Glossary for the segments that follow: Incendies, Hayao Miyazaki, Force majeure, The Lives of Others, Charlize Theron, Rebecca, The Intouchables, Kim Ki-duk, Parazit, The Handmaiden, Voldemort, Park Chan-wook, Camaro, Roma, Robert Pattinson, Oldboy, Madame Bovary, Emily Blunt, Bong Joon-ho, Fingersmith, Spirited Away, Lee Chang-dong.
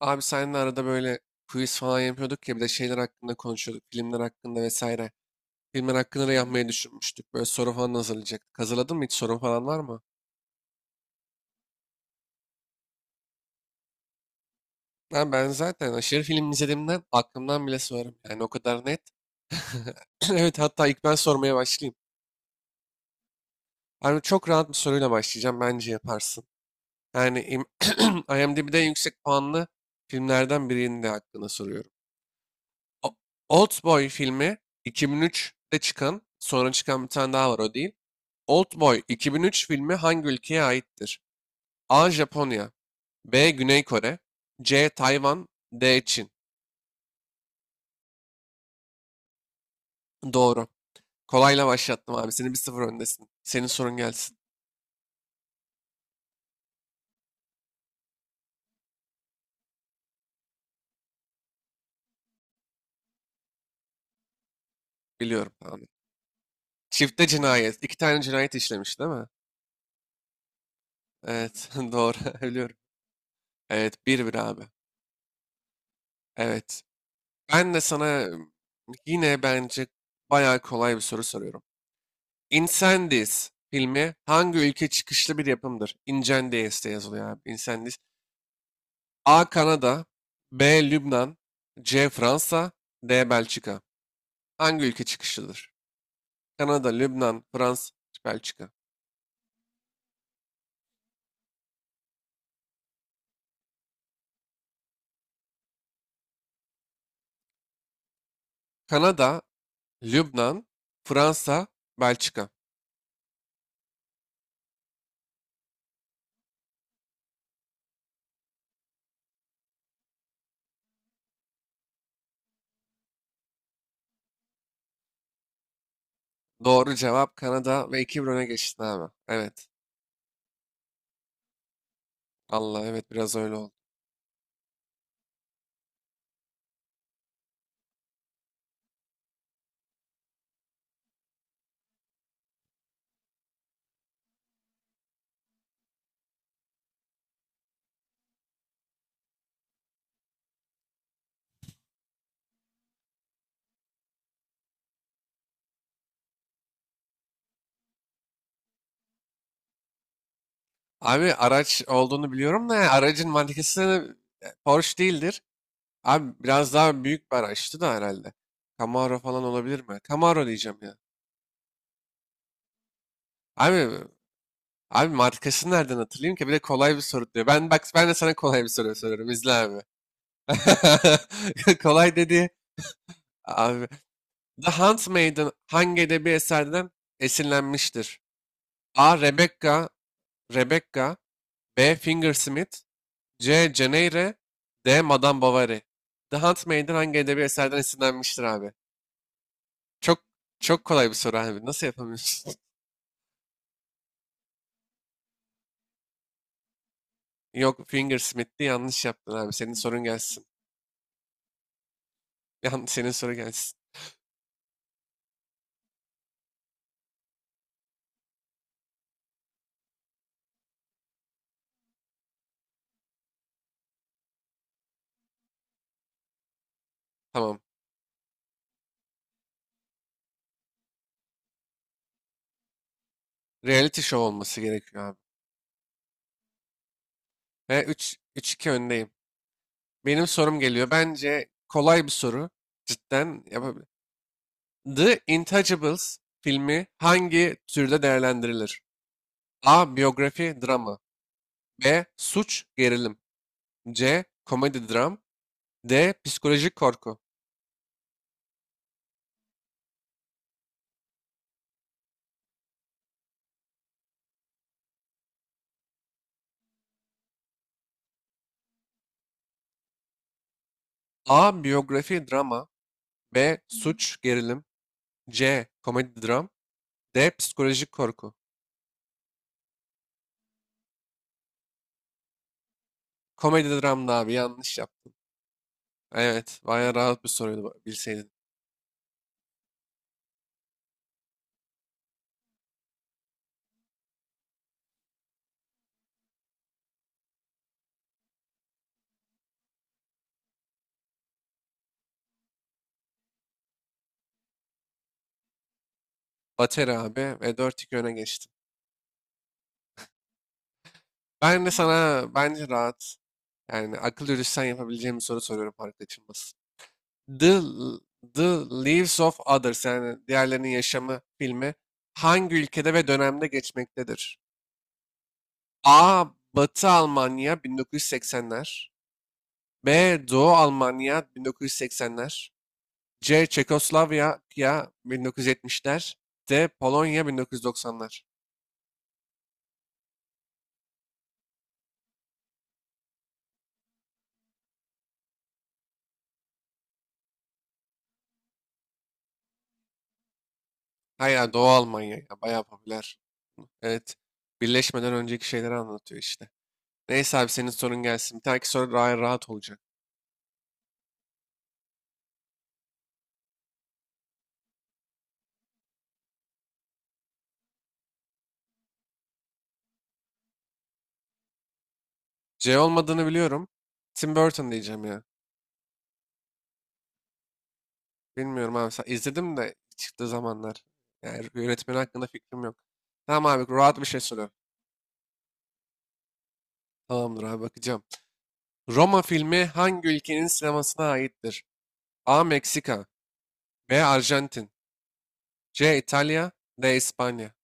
Abi seninle arada böyle quiz falan yapıyorduk ya bir de şeyler hakkında konuşuyorduk. Filmler hakkında vesaire. Filmler hakkında da yapmayı düşünmüştük. Böyle soru falan hazırlayacaktık. Hazırladın mı hiç sorun falan var mı? Ben zaten aşırı film izlediğimden aklımdan bile sorarım. Yani o kadar net. Evet, hatta ilk ben sormaya başlayayım. Abi çok rahat bir soruyla başlayacağım. Bence yaparsın. Yani IMDb'de yüksek puanlı filmlerden birinin de hakkında soruyorum. O- Oldboy filmi 2003'te çıkan, sonra çıkan bir tane daha var, o değil. Oldboy 2003 filmi hangi ülkeye aittir? A. Japonya, B. Güney Kore, C. Tayvan, D. Çin. Doğru. Kolayla başlattım abi. Senin 1-0 öndesin. Senin sorun gelsin. Biliyorum abi. Çifte cinayet. İki tane cinayet işlemiş, değil mi? Evet. Doğru. Biliyorum. Evet. 1-1 abi. Evet. Ben de sana yine bence bayağı kolay bir soru soruyorum. Incendies filmi hangi ülke çıkışlı bir yapımdır? Incendies diye yazılıyor abi. Incendies. A. Kanada, B. Lübnan, C. Fransa, D. Belçika. Hangi ülke çıkışıdır? Kanada, Lübnan, Fransa, Belçika. Kanada, Lübnan, Fransa, Belçika. Doğru cevap Kanada, ve iki 1 öne geçtin abi. Evet. Allah, evet biraz öyle oldu. Abi araç olduğunu biliyorum da, yani aracın markası da Porsche değildir. Abi biraz daha büyük bir araçtı da herhalde. Camaro falan olabilir mi? Camaro diyeceğim ya. Abi Abi markasını nereden hatırlayayım ki? Bir de kolay bir soru diyor. Ben, bak, ben de sana kolay bir soru soruyorum. İzle abi. Kolay dedi. Abi. The Handmaiden hangi edebi eserden esinlenmiştir? A. Rebecca, B. Fingersmith, C. Ceneyre, D. Madame Bovary. The Handmaiden hangi edebi eserden esinlenmiştir abi? Çok çok kolay bir soru abi. Nasıl yapamıyorsun? Yok, Fingersmith'ti, yanlış yaptın abi. Senin sorun gelsin. Senin soru gelsin. Tamam. Reality show olması gerekiyor abi. Ve 3 3-2 öndeyim. Benim sorum geliyor. Bence kolay bir soru. Cidden yapabilir. The Intouchables filmi hangi türde değerlendirilir? A. Biyografi, drama. B. Suç, gerilim. C. Komedi, dram. D. Psikolojik korku. A. Biyografi, drama. B. Suç, gerilim. C. Komedi dram. D. Psikolojik korku. Komedi dramdı abi, yanlış yaptım. Evet, bayağı rahat bir soruydu bilseydin. Bateri abi, ve dört 2 öne geçtim. Ben de sana bence rahat, yani akıl yürütsen yapabileceğim bir soru soruyorum, fark açılmasın. The, The Lives of Others, yani diğerlerinin yaşamı filmi hangi ülkede ve dönemde geçmektedir? A. Batı Almanya 1980'ler. B. Doğu Almanya 1980'ler. C. Çekoslovakya 1970'ler. D. Polonya 1990'lar. Hayır, ya Doğu Almanya, ya bayağı popüler. Evet. Birleşmeden önceki şeyleri anlatıyor işte. Neyse abi, senin sorun gelsin. Bir dahaki soru daha rahat olacak. C olmadığını biliyorum. Tim Burton diyeceğim ya. Bilmiyorum abi. İzledim de çıktığı zamanlar. Yani yönetmenin hakkında fikrim yok. Tamam abi, rahat bir şey soruyorum. Tamamdır abi, bakacağım. Roma filmi hangi ülkenin sinemasına aittir? A. Meksika. B. Arjantin. C. İtalya. D. İspanya.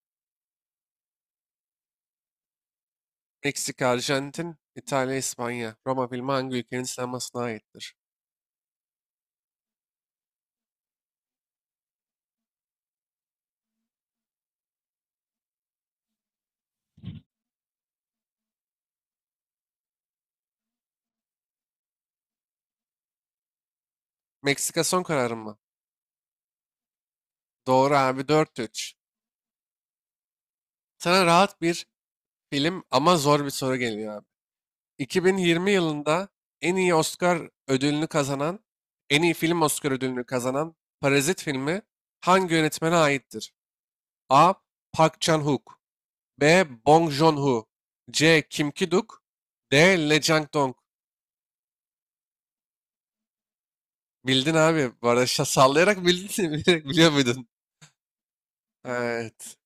Meksika, Arjantin, İtalya, İspanya. Roma filmi hangi ülkenin sinemasına aittir? Meksika son kararım mı? Doğru abi, 4-3. Sana rahat bir film ama zor bir soru geliyor abi. 2020 yılında en iyi Oscar ödülünü kazanan, en iyi film Oscar ödülünü kazanan Parazit filmi hangi yönetmene aittir? A. Park Chan-wook, B. Bong Joon-ho, C. Kim Ki-duk, D. Lee Chang-dong. Bildin abi. Bu arada sallayarak bildin. Biliyor muydun? Evet.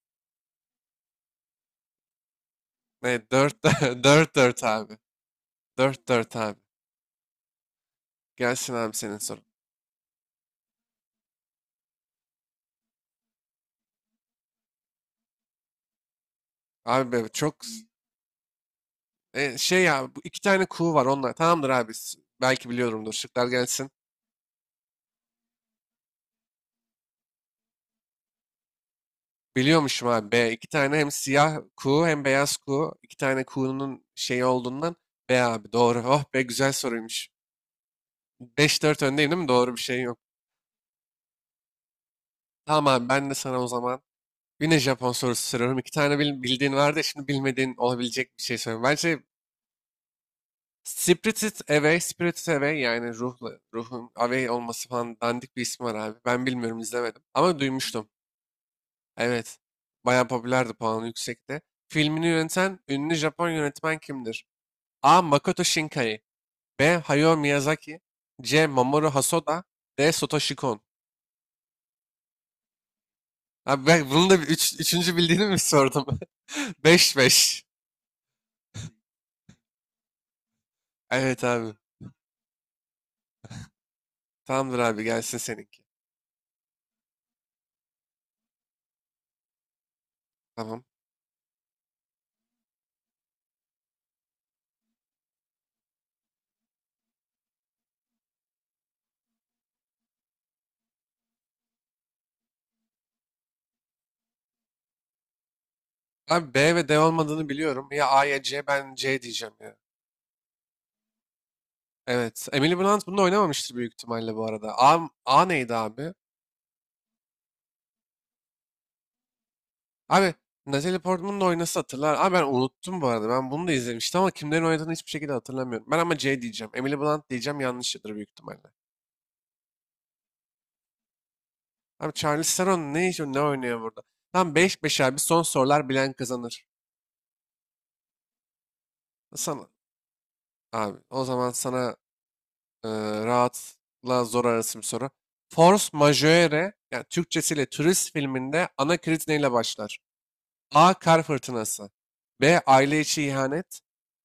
Ne? Dört, 4-4 abi. 4-4 abi. Gelsin abi, senin sorun. Abi be, çok şey ya, bu iki tane kuğu var onlar. Tamamdır abi. Belki biliyorumdur. Şıklar gelsin. Biliyormuşum abi. B. İki tane hem siyah kuğu hem beyaz kuğu. İki tane kuğunun şeyi olduğundan B abi. Doğru. Oh be, güzel soruymuş. 5-4 öndeyim, değil mi? Doğru bir şey yok. Tamam abi, ben de sana o zaman yine Japon sorusu soruyorum. İki tane bildiğin vardı. Ya, şimdi bilmediğin olabilecek bir şey söyleyeyim. Bence Spirited Away, Spirited Away, yani ruhun away olması falan, dandik bir ismi var abi. Ben bilmiyorum, izlemedim ama duymuştum. Evet. Bayağı popülerdi, puanı yüksekte. Filmini yöneten ünlü Japon yönetmen kimdir? A. Makoto Shinkai, B. Hayao Miyazaki, C. Mamoru Hosoda, D. Satoshi Kon. Abi ben bunun da bir üçüncü bildiğini mi sordum? 5-5. Evet abi. Tamamdır abi, gelsin seninki. Tamam. Abi B ve D olmadığını biliyorum. Ya A ya C, ben C diyeceğim ya. Evet. Emily Blunt bunu oynamamıştır büyük ihtimalle bu arada. A neydi abi? Abi Natalie Portman'ın da oynasa hatırlar. Abi ben unuttum bu arada. Ben bunu da izlemiştim ama kimlerin oynadığını hiçbir şekilde hatırlamıyorum. Ben ama C diyeceğim. Emily Blunt diyeceğim, yanlışıdır büyük ihtimalle. Abi Charlize Theron ne oynuyor burada? Tam 5-5 abi, son sorular bilen kazanır. Sana abi, o zaman sana. Ee, Rahatla zor arasım soru. Force majeure, yani Türkçesiyle turist filminde ana kriz neyle başlar? A. Kar fırtınası. B. Aile içi ihanet.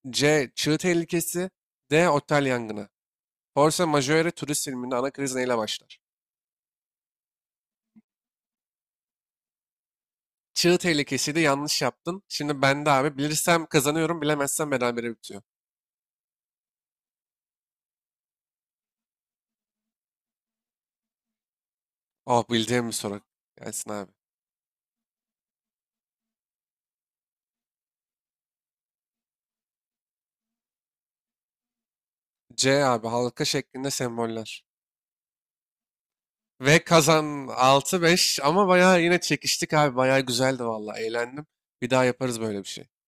C. Çığ tehlikesi. D. Otel yangını. Force majeure turist filminde ana kriz neyle başlar? Çığ tehlikesiydi, yanlış yaptın. Şimdi ben de abi bilirsem kazanıyorum, bilemezsem berabere bitiyor. Oh, bildiğim bir soru. Gelsin abi. C abi, halka şeklinde semboller. Ve kazan 6-5, ama bayağı yine çekiştik abi. Bayağı güzeldi vallahi, eğlendim. Bir daha yaparız böyle bir şey.